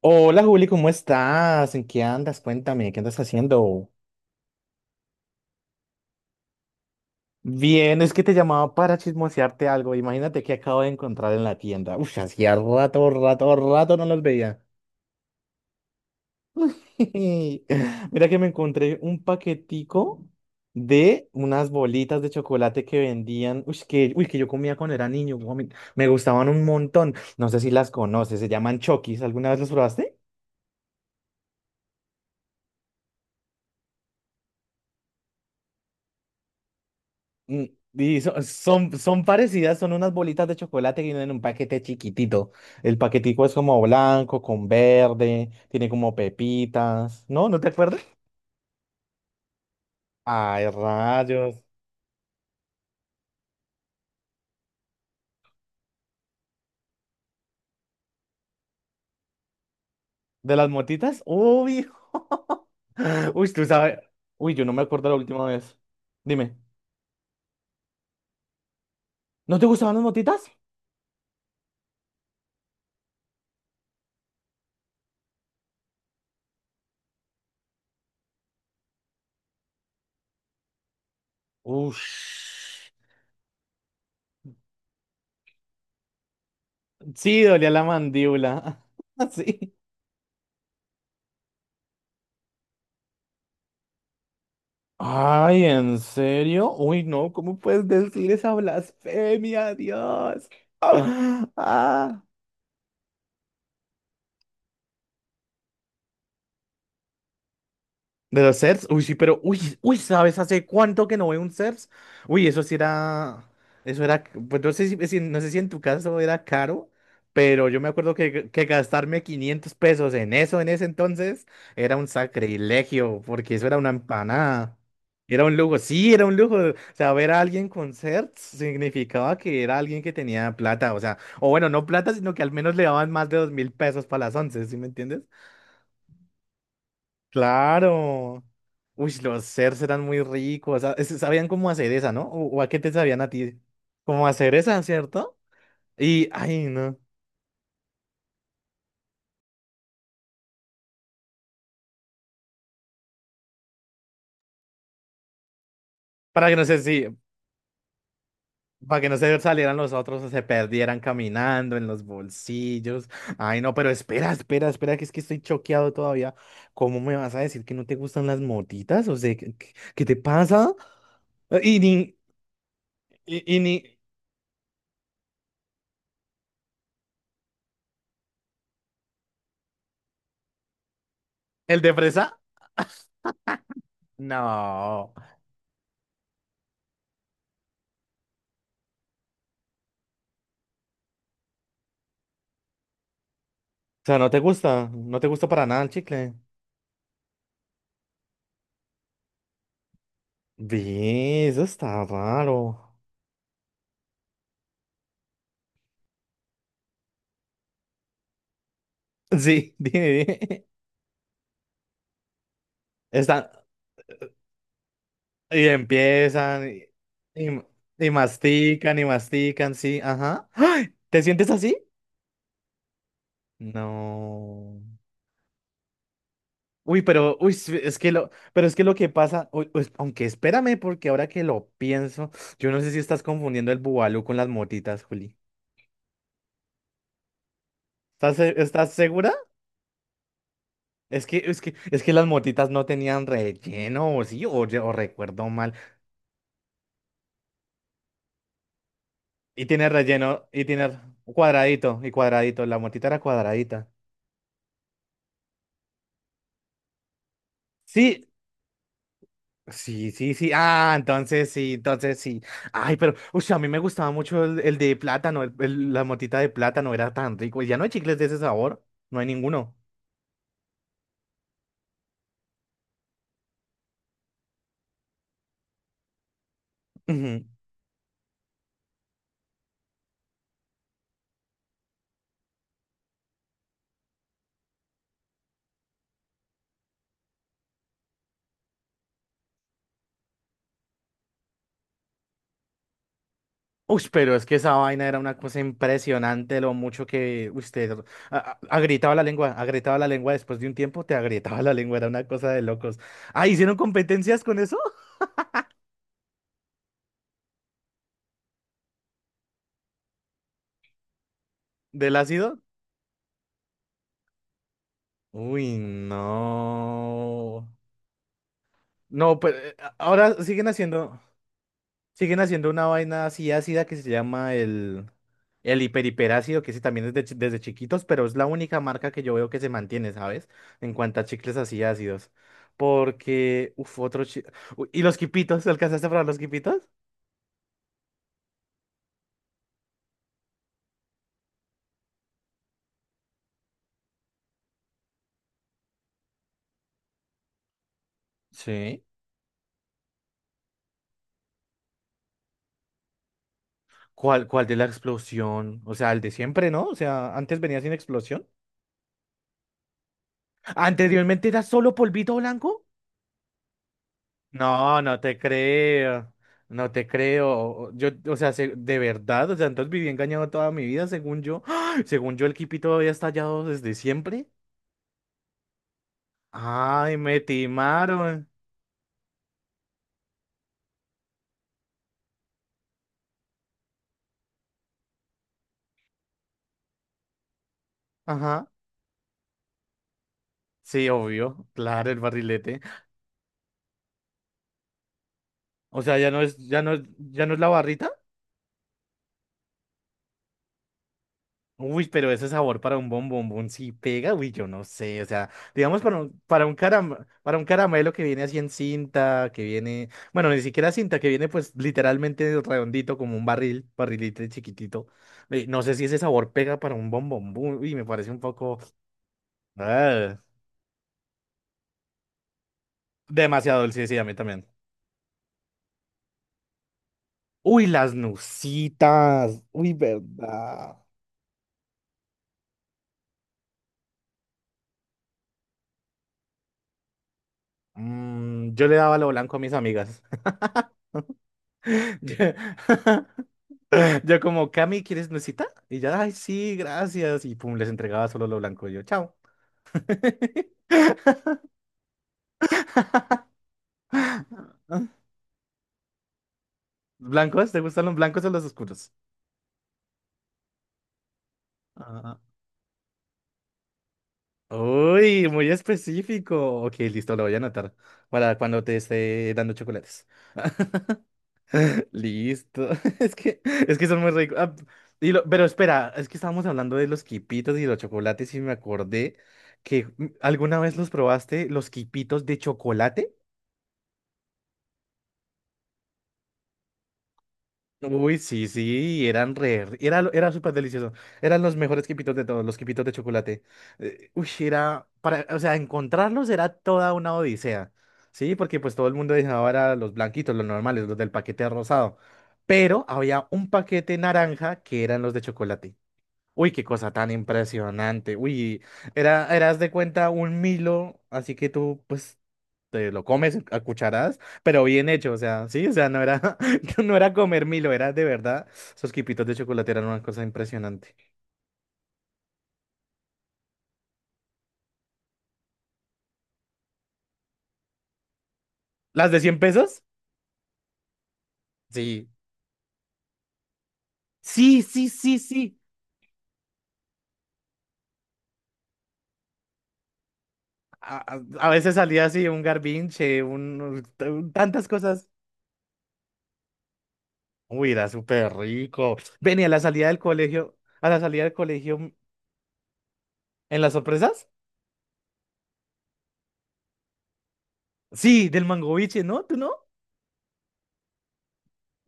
Hola Juli, ¿cómo estás? ¿En qué andas? Cuéntame, ¿qué andas haciendo? Bien, es que te llamaba para chismosearte algo. Imagínate que acabo de encontrar en la tienda. Uf, hacía rato no los veía. Mira que me encontré un paquetico de unas bolitas de chocolate que vendían, uy, que yo comía cuando era niño. Guau, me gustaban un montón. No sé si las conoces, se llaman Chokis. ¿Alguna vez las probaste? Mm. Son parecidas, son unas bolitas de chocolate que vienen en un paquete chiquitito. El paquetico es como blanco, con verde, tiene como pepitas. ¿No? ¿No te acuerdas? Ay, rayos. ¿De las motitas? Uy. Uy, tú sabes. Uy, yo no me acuerdo la última vez. Dime, ¿no te gustaban las motitas? Ush. Sí, dolía la mandíbula. Sí. Ay, ¿en serio? Uy, no, ¿cómo puedes decir esa blasfemia, Dios? Ah, ah. De los CERFs, uy, sí, pero, uy, ¿sabes hace cuánto que no veo un CERFs? Uy, eso era, pues no sé si en tu caso era caro, pero yo me acuerdo que gastarme 500 pesos en eso en ese entonces era un sacrilegio, porque eso era una empanada, era un lujo, sí, era un lujo, o sea, ver a alguien con CERFs significaba que era alguien que tenía plata, o sea, o bueno, no plata, sino que al menos le daban más de 2000 pesos para las once, ¿sí me entiendes? Claro. Uy, los CERs eran muy ricos. Sabían cómo hacer esa, ¿no? ¿O a qué te sabían a ti? Como hacer esa, ¿cierto? Y ay, no. Para que no se, si, para que no se salieran los otros o se perdieran caminando en los bolsillos. Ay, no, pero espera, que es que estoy choqueado todavía. ¿Cómo me vas a decir que no te gustan las motitas? O sea, ¿qué te pasa? Y ni, y ni, ¿el de fresa? No. O sea, no te gusta para nada el chicle. Ve, eso está raro. Sí, dime. Están, y empiezan, y- y mastican, sí, ajá. ¡Ay! ¿Te sientes así? No. Uy, pero, uy, es que lo, pero es que lo que pasa, uy, pues, aunque espérame, porque ahora que lo pienso, yo no sé si estás confundiendo el bubalú con las motitas, Juli. ¿Estás segura? Es que las motitas no tenían relleno, o sí, o recuerdo mal. Y tiene relleno, y cuadradito, la motita era cuadradita. Sí, sí. Ah, entonces sí. Ay, pero, uy, a mí me gustaba mucho el de plátano, la motita de plátano era tan rico. Ya no hay chicles de ese sabor, no hay ninguno. Ujú. Uy, pero es que esa vaina era una cosa impresionante, lo mucho que usted agrietaba la lengua después de un tiempo, te agrietaba la lengua, era una cosa de locos. Ah, ¿hicieron competencias con eso? ¿Del ácido? Uy, no. No, pero ahora siguen haciendo una vaina así ácida que se llama el hiperhiperácido, que ese también es desde chiquitos, pero es la única marca que yo veo que se mantiene, ¿sabes? En cuanto a chicles así ácidos. Porque, uff, Uy, ¿y los quipitos? ¿Alcanzaste a probar los quipitos? Sí. ¿Cuál de la explosión? O sea, el de siempre, ¿no? O sea, antes venía sin explosión. Anteriormente era solo polvito blanco. No, no te creo. Yo, o sea, de verdad, o sea, entonces viví engañado toda mi vida, según yo. ¡Ah! Según yo, el kipi todavía está hallado desde siempre. Ay, me timaron. Ajá, sí, obvio, claro, el barrilete. O sea, ya no es la barrita. Uy, pero ese sabor para un bombombón sí pega, uy, yo no sé, o sea, digamos para un caramelo que viene así en cinta, que viene, bueno, ni siquiera cinta, que viene pues literalmente redondito como un barril, barrilito chiquitito. Eh, no sé si ese sabor pega para un bombombón, uy, me parece un poco ah, demasiado dulce, sí, a mí también. Uy, las nusitas, uy, verdad. Mm, yo le daba lo blanco a mis amigas. Yo- Yo como, Cami, ¿quieres nuecita? Y ya, ay, sí, gracias. Y pum, les entregaba solo lo blanco. Y yo, chao. ¿Blancos? ¿Te gustan los blancos o los oscuros? Ah, uy, muy específico. Ok, listo, lo voy a anotar para cuando te esté dando chocolates. Listo. Es que, es que son muy ricos. Ah, pero espera, es que estábamos hablando de los quipitos y los chocolates y me acordé que mm, alguna vez los probaste, los quipitos de chocolate. Uy, sí, sí, era súper delicioso. Eran los mejores quipitos de todos, los quipitos de chocolate. Uy, era, para, o sea, encontrarlos era toda una odisea, ¿sí? Porque pues todo el mundo dejaba era los blanquitos, los normales, los del paquete rosado. Pero había un paquete naranja que eran los de chocolate. Uy, qué cosa tan impresionante. Uy, era, eras de cuenta un Milo, así que tú, pues, te lo comes a cucharadas, pero bien hecho, o sea, sí, o sea, no era, no era comer Milo, era de verdad, esos quipitos de chocolate eran una cosa impresionante. ¿Las de 100 pesos? Sí. Sí. A, a- a veces salía así un garbinche, tantas cosas. Uy, era súper rico. Venía a la salida del colegio, a la salida del colegio, mm, ¿en las sorpresas? Sí, del mangoviche, ¿no? ¿Tú no?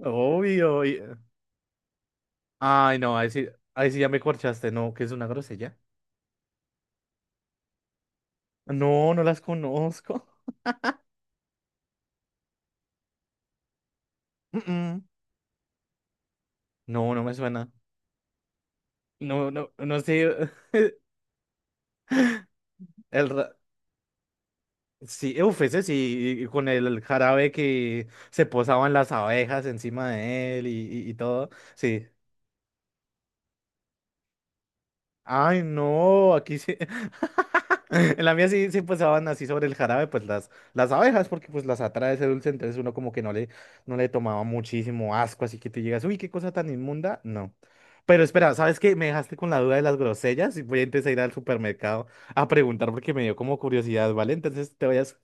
Obvio. Ay, no, ahí sí ya me corchaste, no, que es una grosella. No, no las conozco. Mm. No, no me suena. No, no, no sé. El ra- sí, uf, ese sí, con el jarabe que se posaban las abejas encima de él y, y todo. Sí, ay, no, aquí sí. En la mía sí, sí pasaban así sobre el jarabe, pues las abejas, porque pues las atrae ese dulce, entonces uno como que no le, no le tomaba muchísimo asco, así que te llegas, uy, qué cosa tan inmunda, no. Pero espera, ¿sabes qué? Me dejaste con la duda de las grosellas y voy a empezar a ir al supermercado a preguntar porque me dio como curiosidad, ¿vale? Entonces te vayas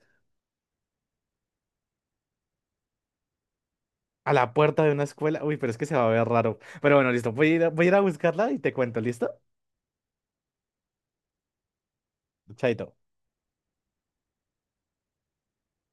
a la puerta de una escuela, uy, pero es que se va a ver raro. Pero bueno, listo, voy a ir a buscarla y te cuento, ¿listo? Chaito.